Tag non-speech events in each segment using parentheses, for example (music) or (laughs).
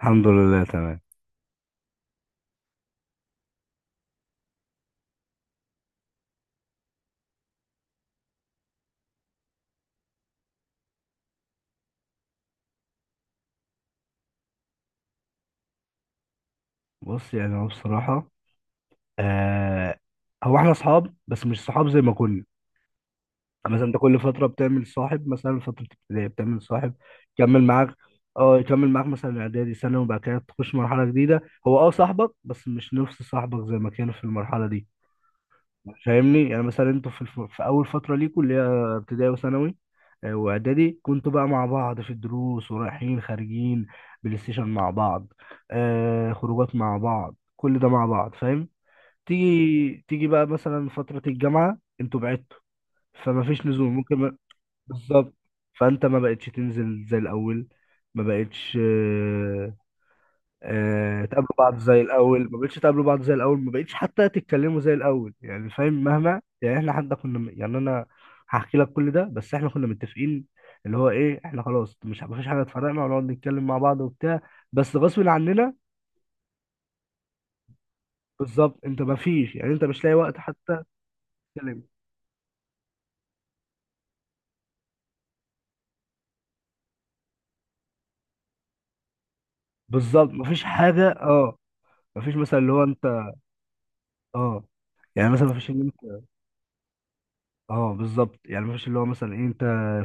الحمد لله تمام. بص يعني هو بصراحة آه هو احنا اصحاب بس مش صحاب زي ما كنا. يعني مثلا انت كل فترة بتعمل صاحب، مثلا فترة ابتدائي بتعمل صاحب يكمل معاك. اه يكمل معاك مثلا اعدادي سنة وبعد كده تخش مرحلة جديدة. هو اه صاحبك بس مش نفس صاحبك زي ما كان في المرحلة دي. فاهمني؟ يعني مثلا انتوا في اول فتره ليكوا اللي هي ابتدائي وثانوي واعدادي، كنتوا بقى مع بعض في الدروس ورايحين خارجين بلاي ستيشن مع بعض. خروجات مع بعض، كل ده مع بعض، فاهم؟ تيجي بقى مثلا فتره الجامعه انتوا بعدتوا، فما فيش نزول، ممكن ما... بالظبط. فانت ما بقتش تنزل زي الاول، ما بقتش تقابلوا بعض زي الاول، ما بقتش تقابلوا بعض زي الاول، ما بقتش حتى تتكلموا زي الاول. يعني فاهم مهما يعني احنا حتى يعني انا هحكي لك كل ده، بس احنا كنا متفقين اللي هو ايه، احنا خلاص مش مفيش حاجه تفرقنا ونقعد نتكلم مع بعض وبتاع، بس غصب عننا. بالظبط، انت مفيش يعني انت مش لاقي وقت حتى تتكلم. بالظبط، مفيش حاجه. اه مفيش مثلا اللي هو انت. اه يعني مثلا مفيش. اه بالظبط، يعني مفيش اللي هو مثلا إيه انت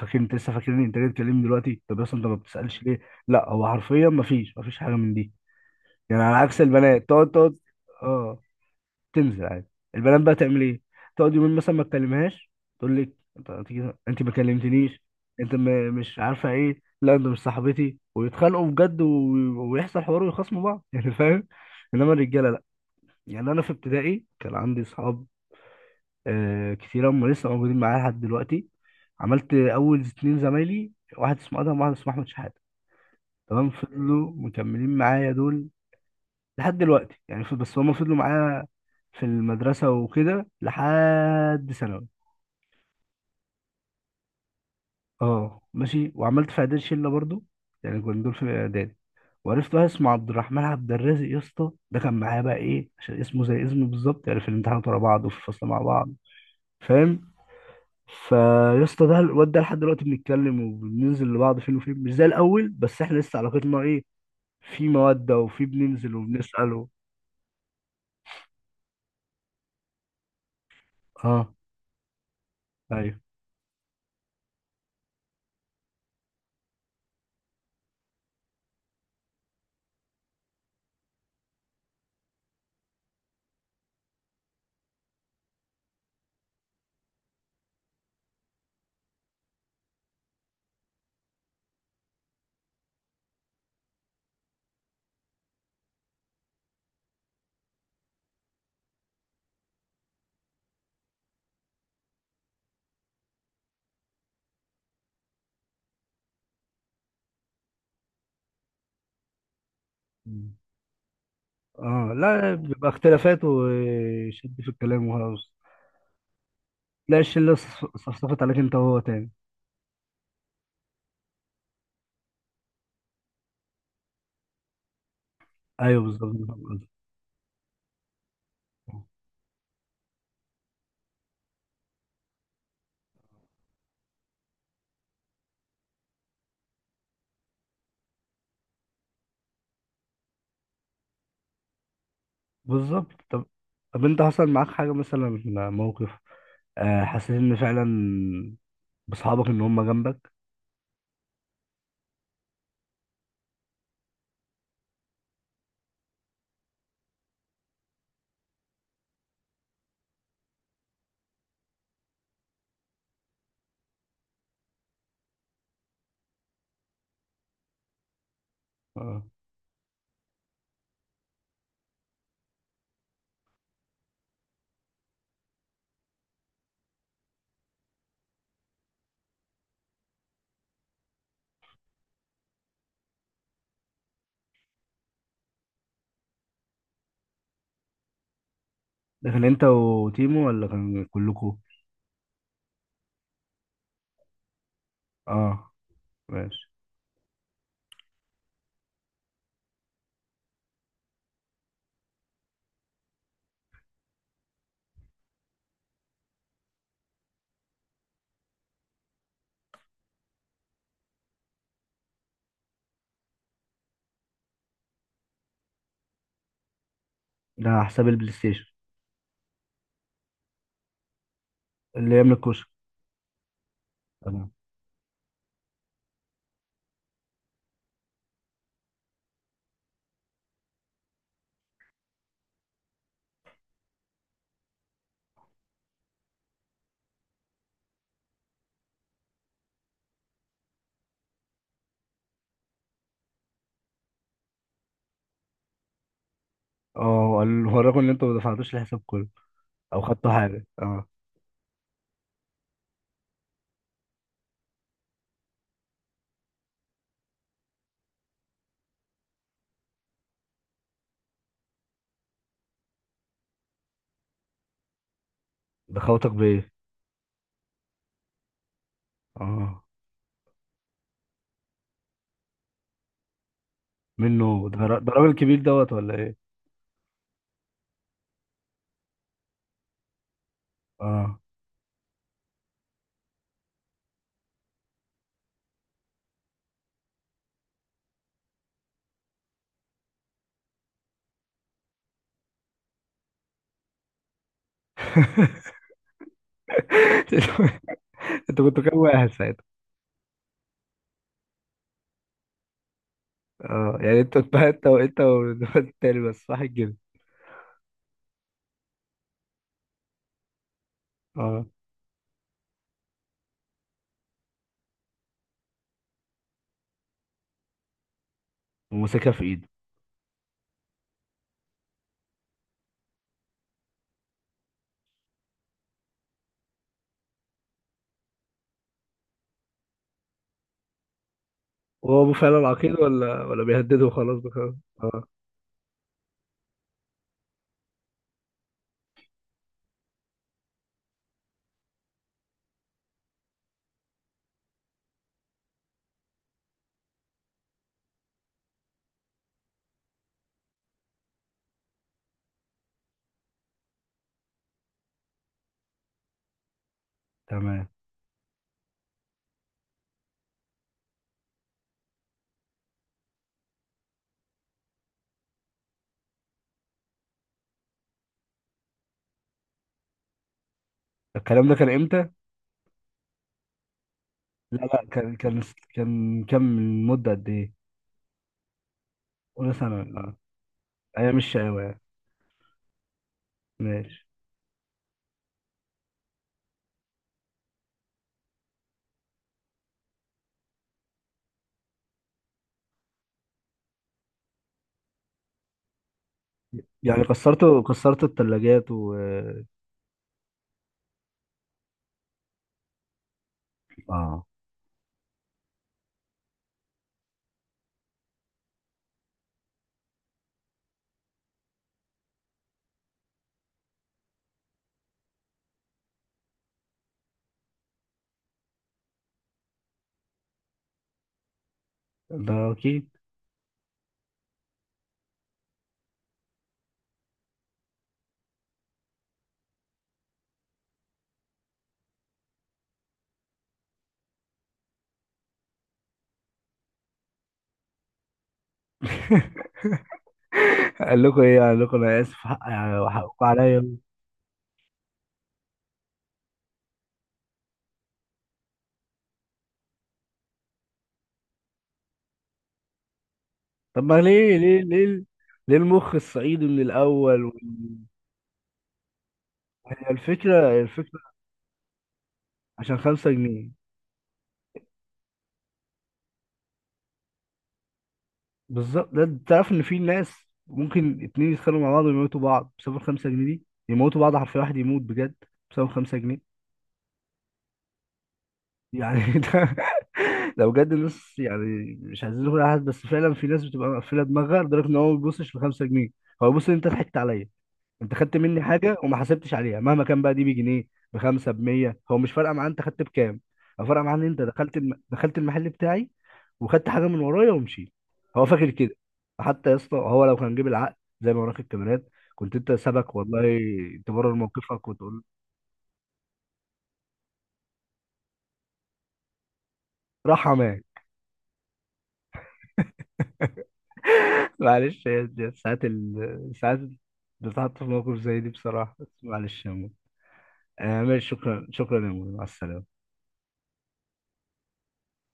فاكر، انت لسه فاكرني، انت جاي تكلمني دلوقتي، طب اصلا انت ما بتسالش ليه. لا هو حرفيا مفيش حاجه من دي. يعني على عكس البنات، تقعد. اه تنزل عادي. البنات بقى تعمل ايه؟ تقعد يومين مثلا ما تكلمهاش، تقول لك انت أنت ما كلمتنيش، مش عارفه ايه، لا انت مش صاحبتي، ويتخانقوا بجد ويحصل حوار ويخصموا بعض (laughs) يعني فاهم. انما الرجاله لا. يعني انا في ابتدائي كان عندي اصحاب كتير هم لسه موجودين معايا لحد دلوقتي. عملت اول اتنين زمايلي، واحد اسمه ادهم واحد اسمه احمد شحاته، تمام، فضلوا مكملين معايا دول لحد دلوقتي. يعني بس هم فضلوا معايا في المدرسه وكده لحد ثانوي. اه ماشي. وعملت في اعدادي شله برضو، يعني كنا دول في اعدادي، وعرفت واحد اسمه عبد الرحمن عبد الرازق. يا اسطى، ده كان معايا بقى ايه عشان اسمه زي اسمه بالظبط، يعني في الامتحانات ورا بعض وفي الفصل مع بعض، فاهم. فيا اسطى ده الواد ده لحد دلوقتي بنتكلم وبننزل لبعض فين وفين، مش زي الاول، بس احنا لسه علاقتنا ايه، في مودة، وفي بننزل وبنسأله. اه. ايوه. مم. اه لا، بيبقى اختلافات وشد في الكلام وخلاص. لا، الشلة صفصفت عليك انت وهو تاني. ايوه بالظبط. بالظبط. طب، طب انت حصل معاك حاجة مثلا، موقف حسيت ان فعلا بصحابك ان هم جنبك؟ اه. ده كان انت وتيمو ولا كان كلكوا؟ اه ماشي. ده على حساب البلاي ستيشن؟ اللي يملك كشك؟ تمام. اه قال له، هو الرقم اللي انت ما دفعتوش الحساب كله او خدته حاجه؟ اه. ده خوتك بايه؟ اه. منه؟ ده راجل كبير دوت ولا ايه؟ اه (laughs) انت كنت كام واحد ساعتها؟ اه يعني انت (laughs) انت وانت والواد التاني بس صح كده؟ اه. ومسكها في ايده؟ هو ابوه فعلا عقيد ولا بيهدده وخلاص بخلاص؟ اه تمام. الكلام ده كان امتى؟ لا لا، كان كان من مده قد ايه؟ اولى ثانوي؟ هي مش شقاوة يعني. ماشي. يعني كسرتوا الثلاجات و... اه ده اكيد. قال لكم ايه؟ قال لكم انا اسف، حق يعني وحقكم عليا؟ طب ما ليه، ليه ليه المخ الصعيدي من الاول هي الفكره عشان خمسة جنيه. بالظبط. ده تعرف ان في ناس ممكن اتنين يتخانقوا مع بعض ويموتوا بعض بسبب الخمسة جنيه دي، يموتوا بعض حرفيا، واحد يموت بجد بسبب خمسة جنيه. يعني (laughs) ده لو بجد الناس، يعني مش عايزين نقول على حد، بس فعلا في ناس بتبقى مقفله دماغها لدرجه ان هو ما بيبصش ل 5 جنيه، هو بيبص ان انت ضحكت عليا، انت خدت مني حاجه وما حسبتش عليها، مهما كان بقى، دي بجنيه بخمسه ب 100، هو مش فارقه معاه انت خدت بكام، هو فارقه معاه ان انت دخلت المحل بتاعي وخدت حاجه من ورايا ومشيت، هو فاكر كده. حتى يا اسطى هو لو كان جيب العقل زي ما وراك الكاميرات، كنت انت سبك والله تبرر موقفك وتقول. راح. معلش، هي دي ساعات بتحط في موقف زي دي بصراحة، بس معلش يا مو. آه ماشي، شكرا شكرا يا مو، مع السلامة.